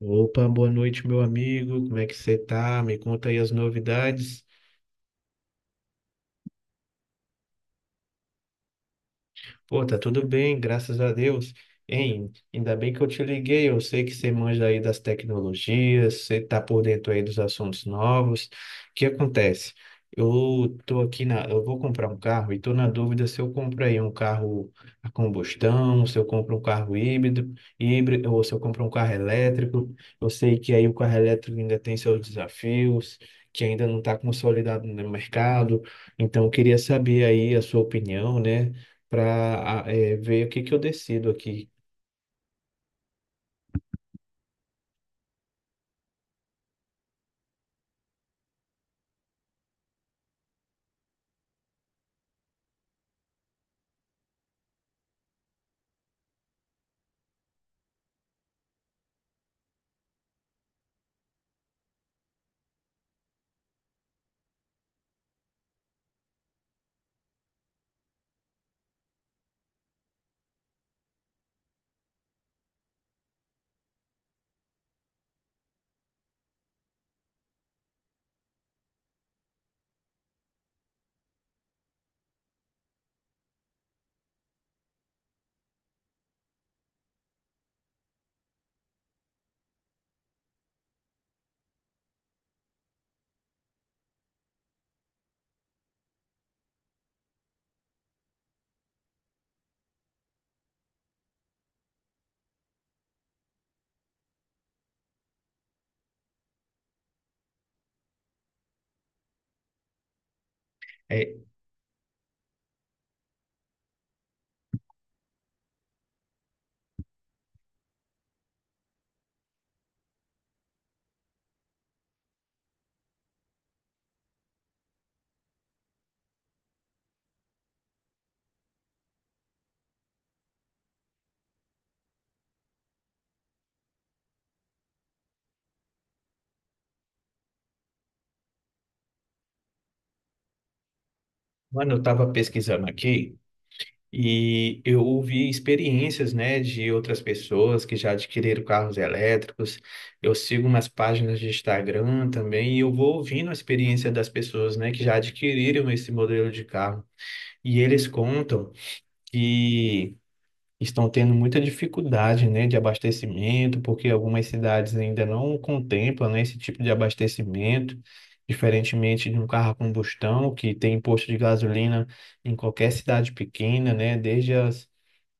Opa, boa noite, meu amigo. Como é que você tá? Me conta aí as novidades. Pô, tá tudo bem, graças a Deus. Hein, ainda bem que eu te liguei. Eu sei que você manja aí das tecnologias, você tá por dentro aí dos assuntos novos. O que acontece? Eu tô aqui na, eu vou comprar um carro e tô na dúvida se eu compro aí um carro a combustão, se eu compro um carro híbrido, ou se eu compro um carro elétrico. Eu sei que aí o carro elétrico ainda tem seus desafios, que ainda não está consolidado no mercado. Então, eu queria saber aí a sua opinião, né? Para ver o que que eu decido aqui. É, mano, eu estava pesquisando aqui e eu ouvi experiências, né, de outras pessoas que já adquiriram carros elétricos. Eu sigo umas páginas de Instagram também e eu vou ouvindo a experiência das pessoas, né, que já adquiriram esse modelo de carro. E eles contam que estão tendo muita dificuldade, né, de abastecimento, porque algumas cidades ainda não contemplam, né, esse tipo de abastecimento, diferentemente de um carro a combustão, que tem posto de gasolina em qualquer cidade pequena, né, desde as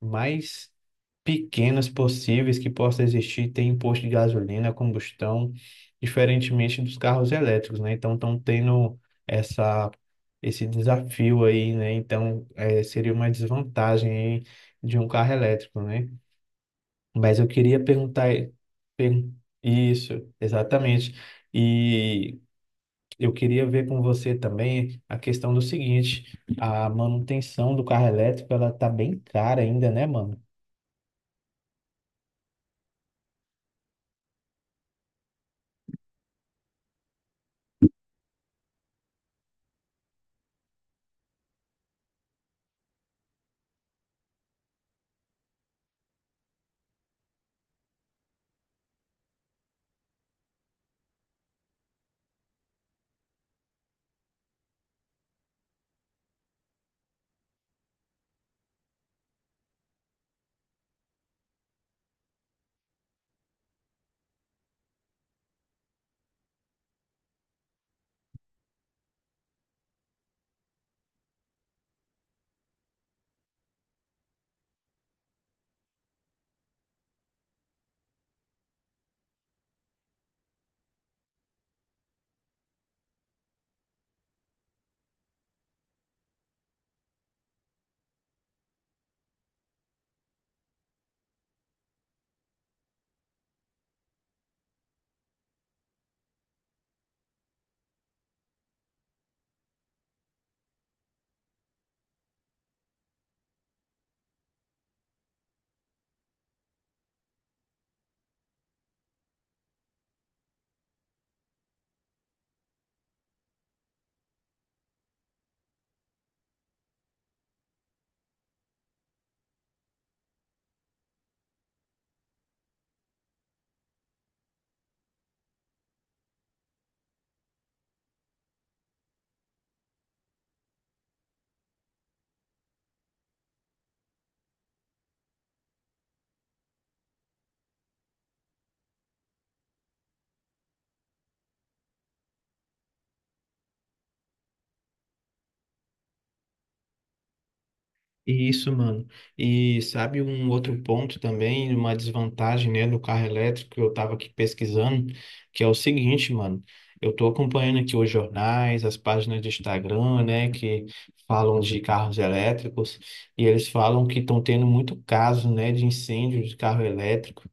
mais pequenas possíveis que possa existir tem imposto de gasolina, combustão, diferentemente dos carros elétricos, né? Então estão tendo essa esse desafio aí, né? Então seria uma desvantagem aí de um carro elétrico, né? Mas eu queria perguntar per- isso, exatamente. E eu queria ver com você também a questão do seguinte: a manutenção do carro elétrico, ela tá bem cara ainda, né, mano? Isso, mano. E sabe um outro ponto também, uma desvantagem, né, do carro elétrico que eu tava aqui pesquisando, que é o seguinte, mano. Eu tô acompanhando aqui os jornais, as páginas de Instagram, né, que falam de carros elétricos, e eles falam que estão tendo muito caso, né, de incêndio de carro elétrico.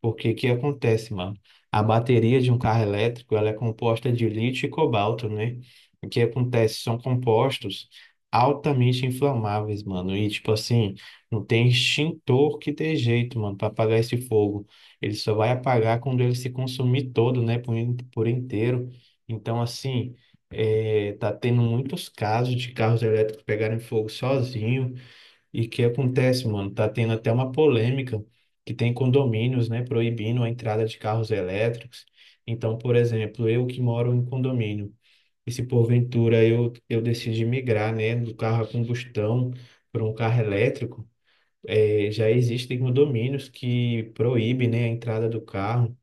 Porque o que acontece, mano? A bateria de um carro elétrico, ela é composta de lítio e cobalto, né? O que acontece? São compostos altamente inflamáveis, mano. E tipo assim, não tem extintor que dê jeito, mano, para apagar esse fogo. Ele só vai apagar quando ele se consumir todo, né, por, por inteiro. Então, assim, é, tá tendo muitos casos de carros elétricos pegarem fogo sozinho e que acontece, mano? Tá tendo até uma polêmica que tem condomínios, né, proibindo a entrada de carros elétricos. Então, por exemplo, eu que moro em condomínio, e se porventura eu decidir migrar, né, do carro a combustão para um carro elétrico, eh, já existem condomínios que proíbem, né, a entrada do carro.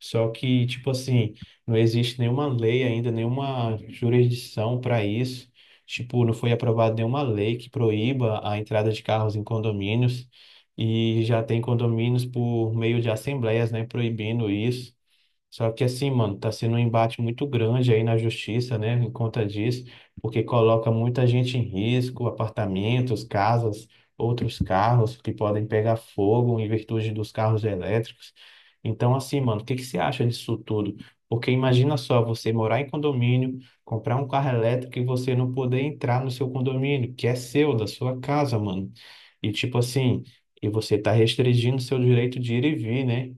Só que, tipo assim, não existe nenhuma lei ainda, nenhuma jurisdição para isso. Tipo, não foi aprovada nenhuma lei que proíba a entrada de carros em condomínios. E já tem condomínios por meio de assembleias, né, proibindo isso. Só que assim, mano, tá sendo um embate muito grande aí na justiça, né, em conta disso, porque coloca muita gente em risco, apartamentos, casas, outros carros que podem pegar fogo em virtude dos carros elétricos. Então, assim, mano, o que que você acha disso tudo? Porque imagina só você morar em condomínio, comprar um carro elétrico e você não poder entrar no seu condomínio, que é seu, da sua casa, mano. E tipo assim, e você tá restringindo seu direito de ir e vir, né?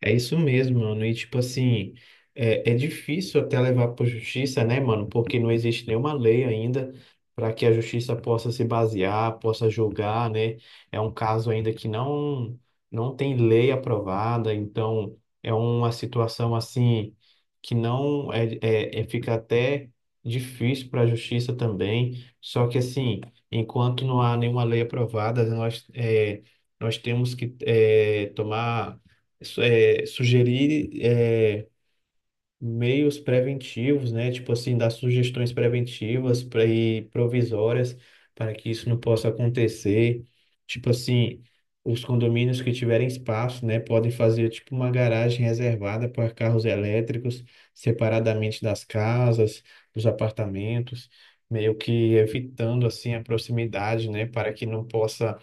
É isso mesmo, mano. E tipo assim, é, é difícil até levar para justiça, né, mano? Porque não existe nenhuma lei ainda para que a justiça possa se basear, possa julgar, né? É um caso ainda que não tem lei aprovada, então é uma situação assim que não é, é- fica até difícil para a justiça também. Só que assim, enquanto não há nenhuma lei aprovada, nós é, nós temos que é, tomar é, sugerir é, meios preventivos, né? Tipo assim, dar sugestões preventivas pra, e provisórias para que isso não possa acontecer. Tipo assim, os condomínios que tiverem espaço, né, podem fazer tipo uma garagem reservada para carros elétricos, separadamente das casas, dos apartamentos. Meio que evitando assim a proximidade, né, para que não possa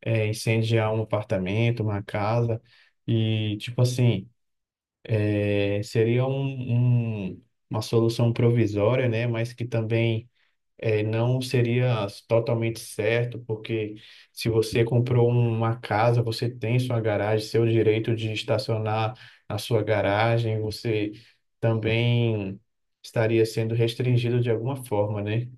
é, incendiar um apartamento, uma casa e tipo assim é, seria um, uma solução provisória, né? Mas que também é, não seria totalmente certo, porque se você comprou uma casa, você tem sua garagem, seu direito de estacionar na sua garagem, você também estaria sendo restringido de alguma forma, né?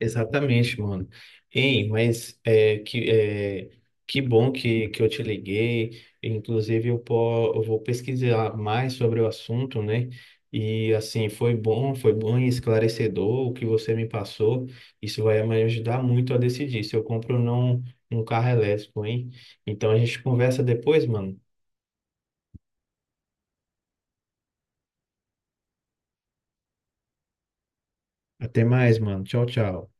Exatamente, mano. Ei, mas é, que bom que eu te liguei. Inclusive, eu, eu vou pesquisar mais sobre o assunto, né? E assim, foi bom e esclarecedor o que você me passou. Isso vai me ajudar muito a decidir se eu compro ou não um carro elétrico, hein? Então a gente conversa depois, mano. Até mais, mano. Tchau, tchau.